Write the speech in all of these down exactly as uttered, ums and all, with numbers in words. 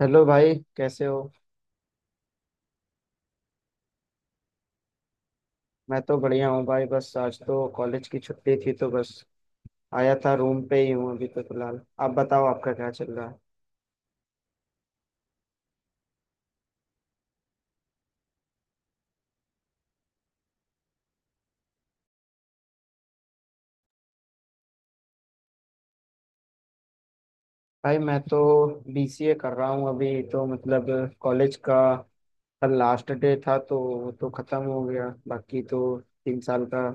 Hello भाई, कैसे हो? मैं तो बढ़िया हूँ भाई, बस आज तो कॉलेज की छुट्टी थी तो बस आया था, रूम पे ही हूँ अभी तो फिलहाल। आप बताओ आपका क्या चल रहा है। भाई मैं तो बी सी ए कर रहा हूँ अभी तो, मतलब कॉलेज का कल लास्ट डे था तो वो तो ख़त्म हो गया। बाकी तो तीन साल का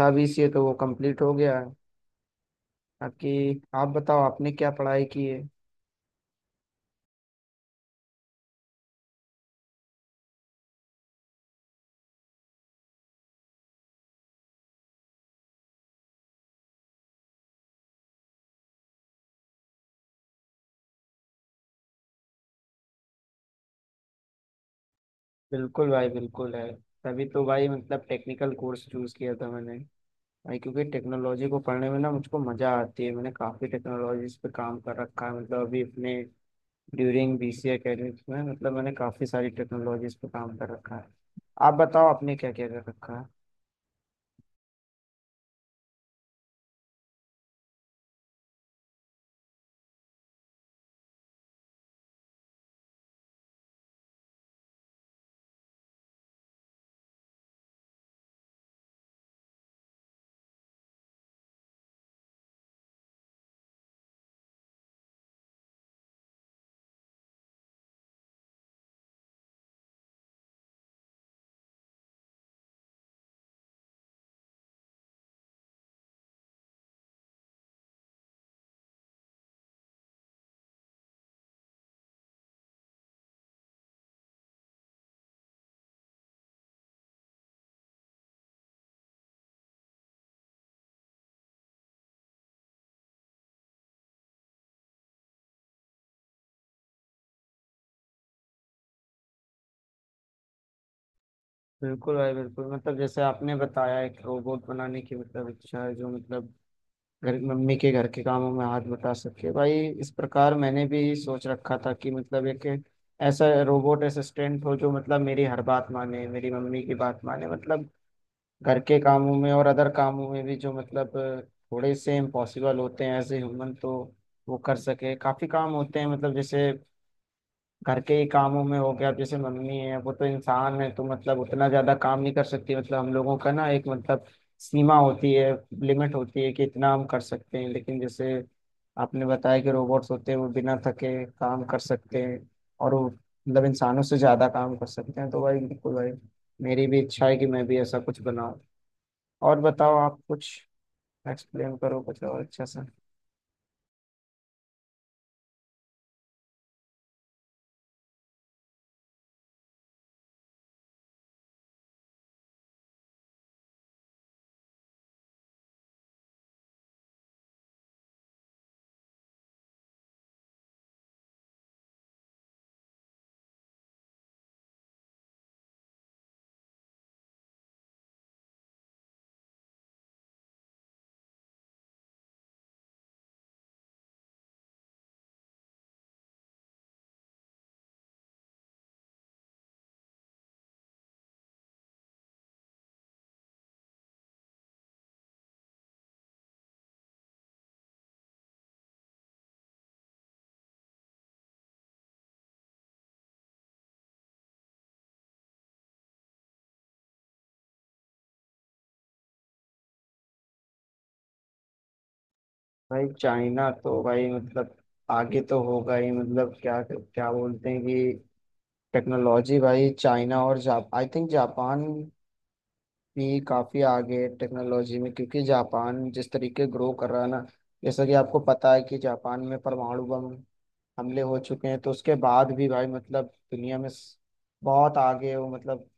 था बी सी ए, तो वो कंप्लीट हो गया है। बाकी आप बताओ आपने क्या पढ़ाई की है। बिल्कुल भाई बिल्कुल है। तभी तो भाई, मतलब टेक्निकल कोर्स चूज़ किया था मैंने भाई, क्योंकि टेक्नोलॉजी को पढ़ने में ना मुझको मजा आती है। मैंने काफी टेक्नोलॉजीज पे काम कर रखा है, मतलब अभी अपने ड्यूरिंग बीसी एकेडमिक्स में, मतलब मैंने काफी सारी टेक्नोलॉजीज पे काम कर रखा है। आप बताओ आपने क्या क्या कर रखा है। बिल्कुल भाई बिल्कुल, मतलब जैसे आपने बताया एक रोबोट बनाने की मतलब इच्छा है जो मतलब घर मम्मी के घर के कामों में हाथ बटा सके। भाई इस प्रकार मैंने भी सोच रखा था कि मतलब एक ऐसा रोबोट असिस्टेंट हो जो मतलब मेरी हर बात माने, मेरी मम्मी की बात माने, मतलब घर के कामों में और अदर कामों में भी जो मतलब थोड़े से इम्पॉसिबल होते हैं एज ए ह्यूमन, तो वो कर सके। काफी काम होते हैं मतलब जैसे घर के ही कामों में हो गया। अब जैसे मम्मी है वो तो इंसान है तो मतलब उतना ज्यादा काम नहीं कर सकती, मतलब हम लोगों का ना एक मतलब सीमा होती है, लिमिट होती है कि इतना हम कर सकते हैं। लेकिन जैसे आपने बताया कि रोबोट्स होते हैं वो बिना थके काम कर सकते हैं और वो मतलब इंसानों से ज्यादा काम कर सकते हैं। तो भाई बिल्कुल भाई, मेरी भी इच्छा है कि मैं भी ऐसा कुछ बनाऊं। और बताओ आप कुछ एक्सप्लेन करो कुछ और अच्छा सा। भाई चाइना तो भाई मतलब आगे तो होगा ही, मतलब क्या क्या बोलते हैं कि टेक्नोलॉजी भाई चाइना और जाप आई थिंक जापान भी काफी आगे है टेक्नोलॉजी में, क्योंकि जापान जिस तरीके ग्रो कर रहा है ना। जैसा कि आपको पता है कि जापान में परमाणु बम हमले हो चुके हैं तो उसके बाद भी भाई, मतलब दुनिया में स- बहुत आगे है वो, मतलब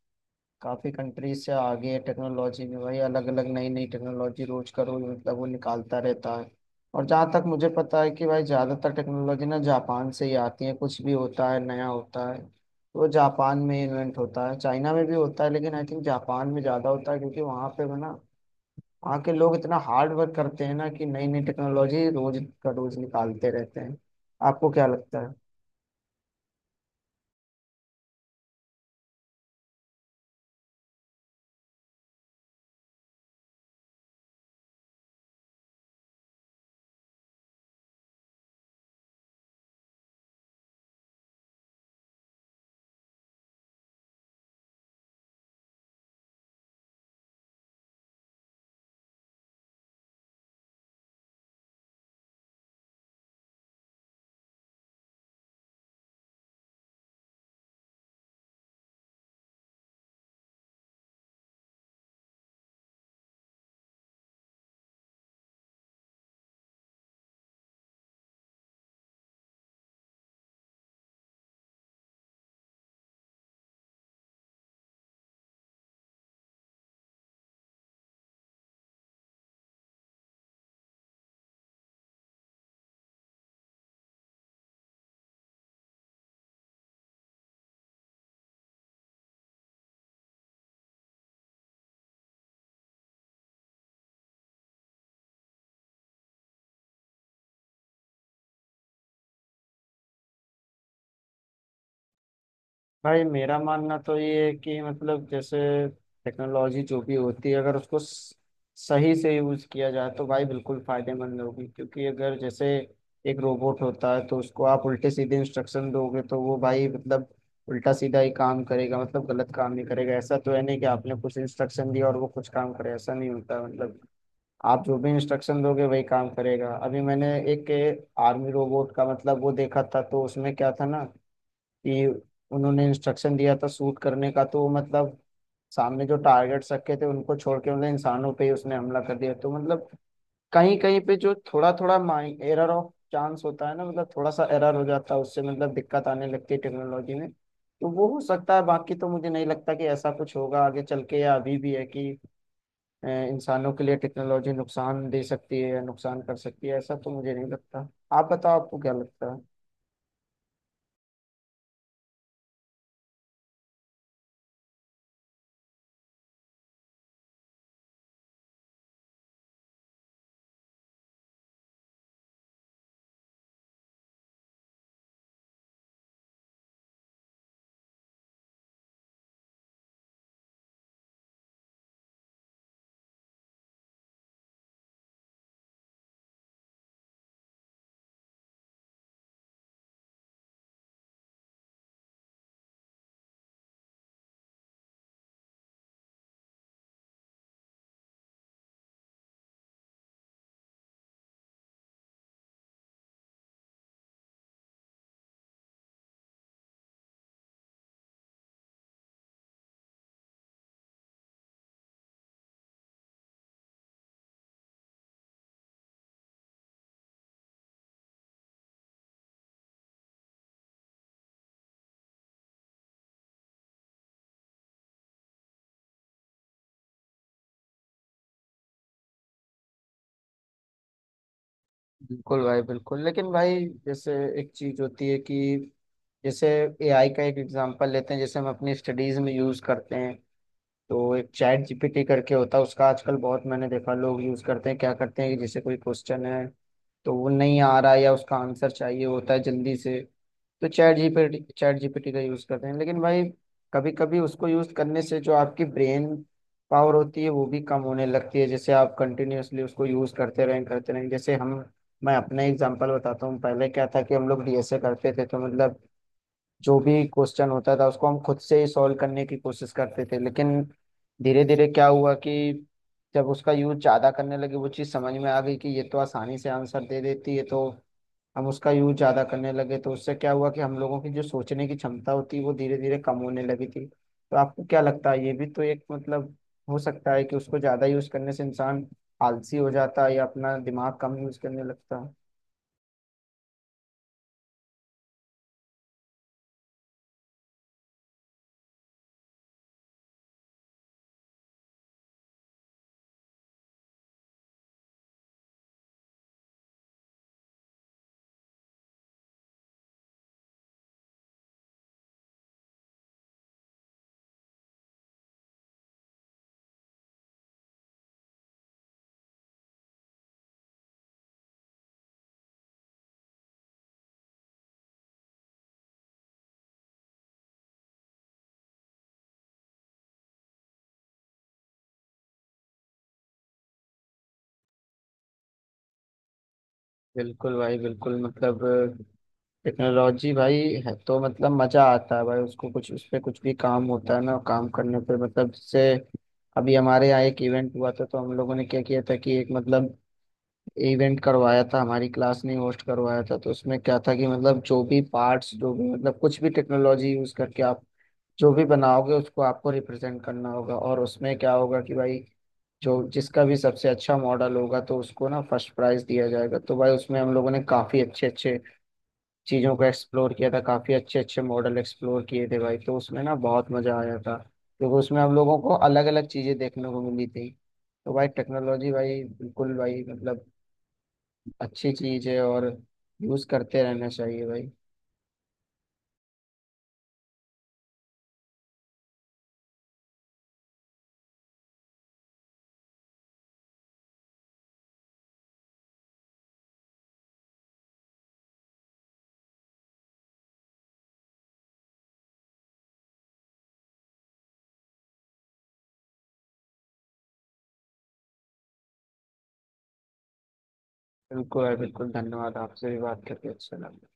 काफ़ी कंट्रीज से आगे है टेक्नोलॉजी में भाई। अलग अलग नई नई टेक्नोलॉजी रोज का रोज मतलब वो निकालता रहता है। और जहाँ तक मुझे पता है कि भाई ज़्यादातर टेक्नोलॉजी ना जापान से ही आती है, कुछ भी होता है नया होता है तो जापान में इन्वेंट होता है, चाइना में भी होता है, लेकिन आई थिंक जापान में ज़्यादा होता है क्योंकि वहाँ पे ना वहाँ के लोग इतना हार्ड वर्क करते हैं ना कि नई नई टेक्नोलॉजी रोज का रोज निकालते रहते हैं। आपको क्या लगता है। भाई मेरा मानना तो ये है कि मतलब जैसे टेक्नोलॉजी जो भी होती है, अगर उसको स- सही से यूज किया जाए तो भाई बिल्कुल फायदेमंद होगी। क्योंकि अगर जैसे एक रोबोट होता है तो उसको आप उल्टे सीधे इंस्ट्रक्शन दोगे तो वो भाई मतलब उल्टा सीधा ही काम करेगा, मतलब गलत काम नहीं करेगा। ऐसा तो है नहीं कि आपने कुछ इंस्ट्रक्शन दिया और वो कुछ काम करे, ऐसा नहीं होता है। मतलब आप जो भी इंस्ट्रक्शन दोगे वही काम करेगा। अभी मैंने एक आर्मी रोबोट का मतलब वो देखा था तो उसमें क्या था ना कि उन्होंने इंस्ट्रक्शन दिया था शूट करने का, तो मतलब सामने जो टारगेट्स रखे थे उनको छोड़ के मतलब इंसानों पे ही उसने हमला कर दिया। तो मतलब कहीं कहीं पे जो थोड़ा थोड़ा माइ एरर ऑफ चांस होता है ना, मतलब थोड़ा सा एरर हो जाता है, उससे मतलब दिक्कत आने लगती है टेक्नोलॉजी में, तो वो हो सकता है। बाकी तो मुझे नहीं लगता कि ऐसा कुछ होगा आगे चल के या अभी भी है कि अ, इंसानों के लिए टेक्नोलॉजी नुकसान दे सकती है या नुकसान कर सकती है, ऐसा तो मुझे नहीं लगता। आप बताओ आपको क्या लगता है। बिल्कुल भाई बिल्कुल, लेकिन भाई जैसे एक चीज होती है कि जैसे ए आई का एक एग्जांपल लेते हैं जैसे हम अपनी स्टडीज में यूज करते हैं। तो एक चैट जी पी टी करके होता है उसका आजकल बहुत मैंने देखा लोग यूज करते हैं। क्या करते हैं कि जैसे कोई क्वेश्चन है तो वो नहीं आ रहा या उसका आंसर चाहिए होता है जल्दी से, तो चैट जीपीटी चैट जीपीटी का यूज करते हैं। लेकिन भाई कभी कभी उसको यूज करने से जो आपकी ब्रेन पावर होती है वो भी कम होने लगती है। जैसे आप कंटिन्यूअसली उसको यूज करते रहें करते रहें जैसे हम। मैं अपना एग्जांपल बताता हूँ, पहले क्या था कि हम लोग डी एस ए करते थे तो मतलब जो भी क्वेश्चन होता था उसको हम खुद से ही सॉल्व करने की कोशिश करते थे। लेकिन धीरे धीरे क्या हुआ कि जब उसका यूज ज्यादा करने लगे वो चीज समझ में आ गई कि ये तो आसानी से आंसर दे देती है तो हम उसका यूज ज्यादा करने लगे, तो उससे क्या हुआ कि हम लोगों की जो सोचने की क्षमता होती है वो धीरे धीरे कम होने लगी थी। तो आपको क्या लगता है ये भी तो एक मतलब हो सकता है कि उसको ज्यादा यूज करने से इंसान आलसी हो जाता है या अपना दिमाग कम यूज करने लगता है। बिल्कुल भाई बिल्कुल, मतलब टेक्नोलॉजी भाई है तो मतलब मजा आता है भाई उसको कुछ उस पे कुछ भी काम होता है ना काम करने पे। मतलब जैसे अभी हमारे यहाँ एक इवेंट हुआ था, तो हम लोगों ने क्या किया था कि एक मतलब इवेंट करवाया था हमारी क्लास ने होस्ट करवाया था। तो उसमें क्या था कि मतलब जो भी पार्ट्स जो भी मतलब कुछ भी टेक्नोलॉजी यूज करके आप जो भी बनाओगे उसको आपको रिप्रेजेंट करना होगा। और उसमें क्या होगा कि भाई जो जिसका भी सबसे अच्छा मॉडल होगा तो उसको ना फर्स्ट प्राइज दिया जाएगा। तो भाई उसमें हम लोगों ने काफ़ी अच्छे अच्छे चीज़ों को एक्सप्लोर किया था, काफ़ी अच्छे अच्छे मॉडल एक्सप्लोर किए थे भाई, तो उसमें ना बहुत मज़ा आया था क्योंकि उसमें हम लोगों को अलग अलग चीज़ें देखने को मिली थी। तो भाई टेक्नोलॉजी भाई बिल्कुल भाई, मतलब अच्छी चीज़ है और यूज़ करते रहना चाहिए भाई। बिल्कुल भाई बिल्कुल, धन्यवाद आपसे भी बात करके अच्छा लगा।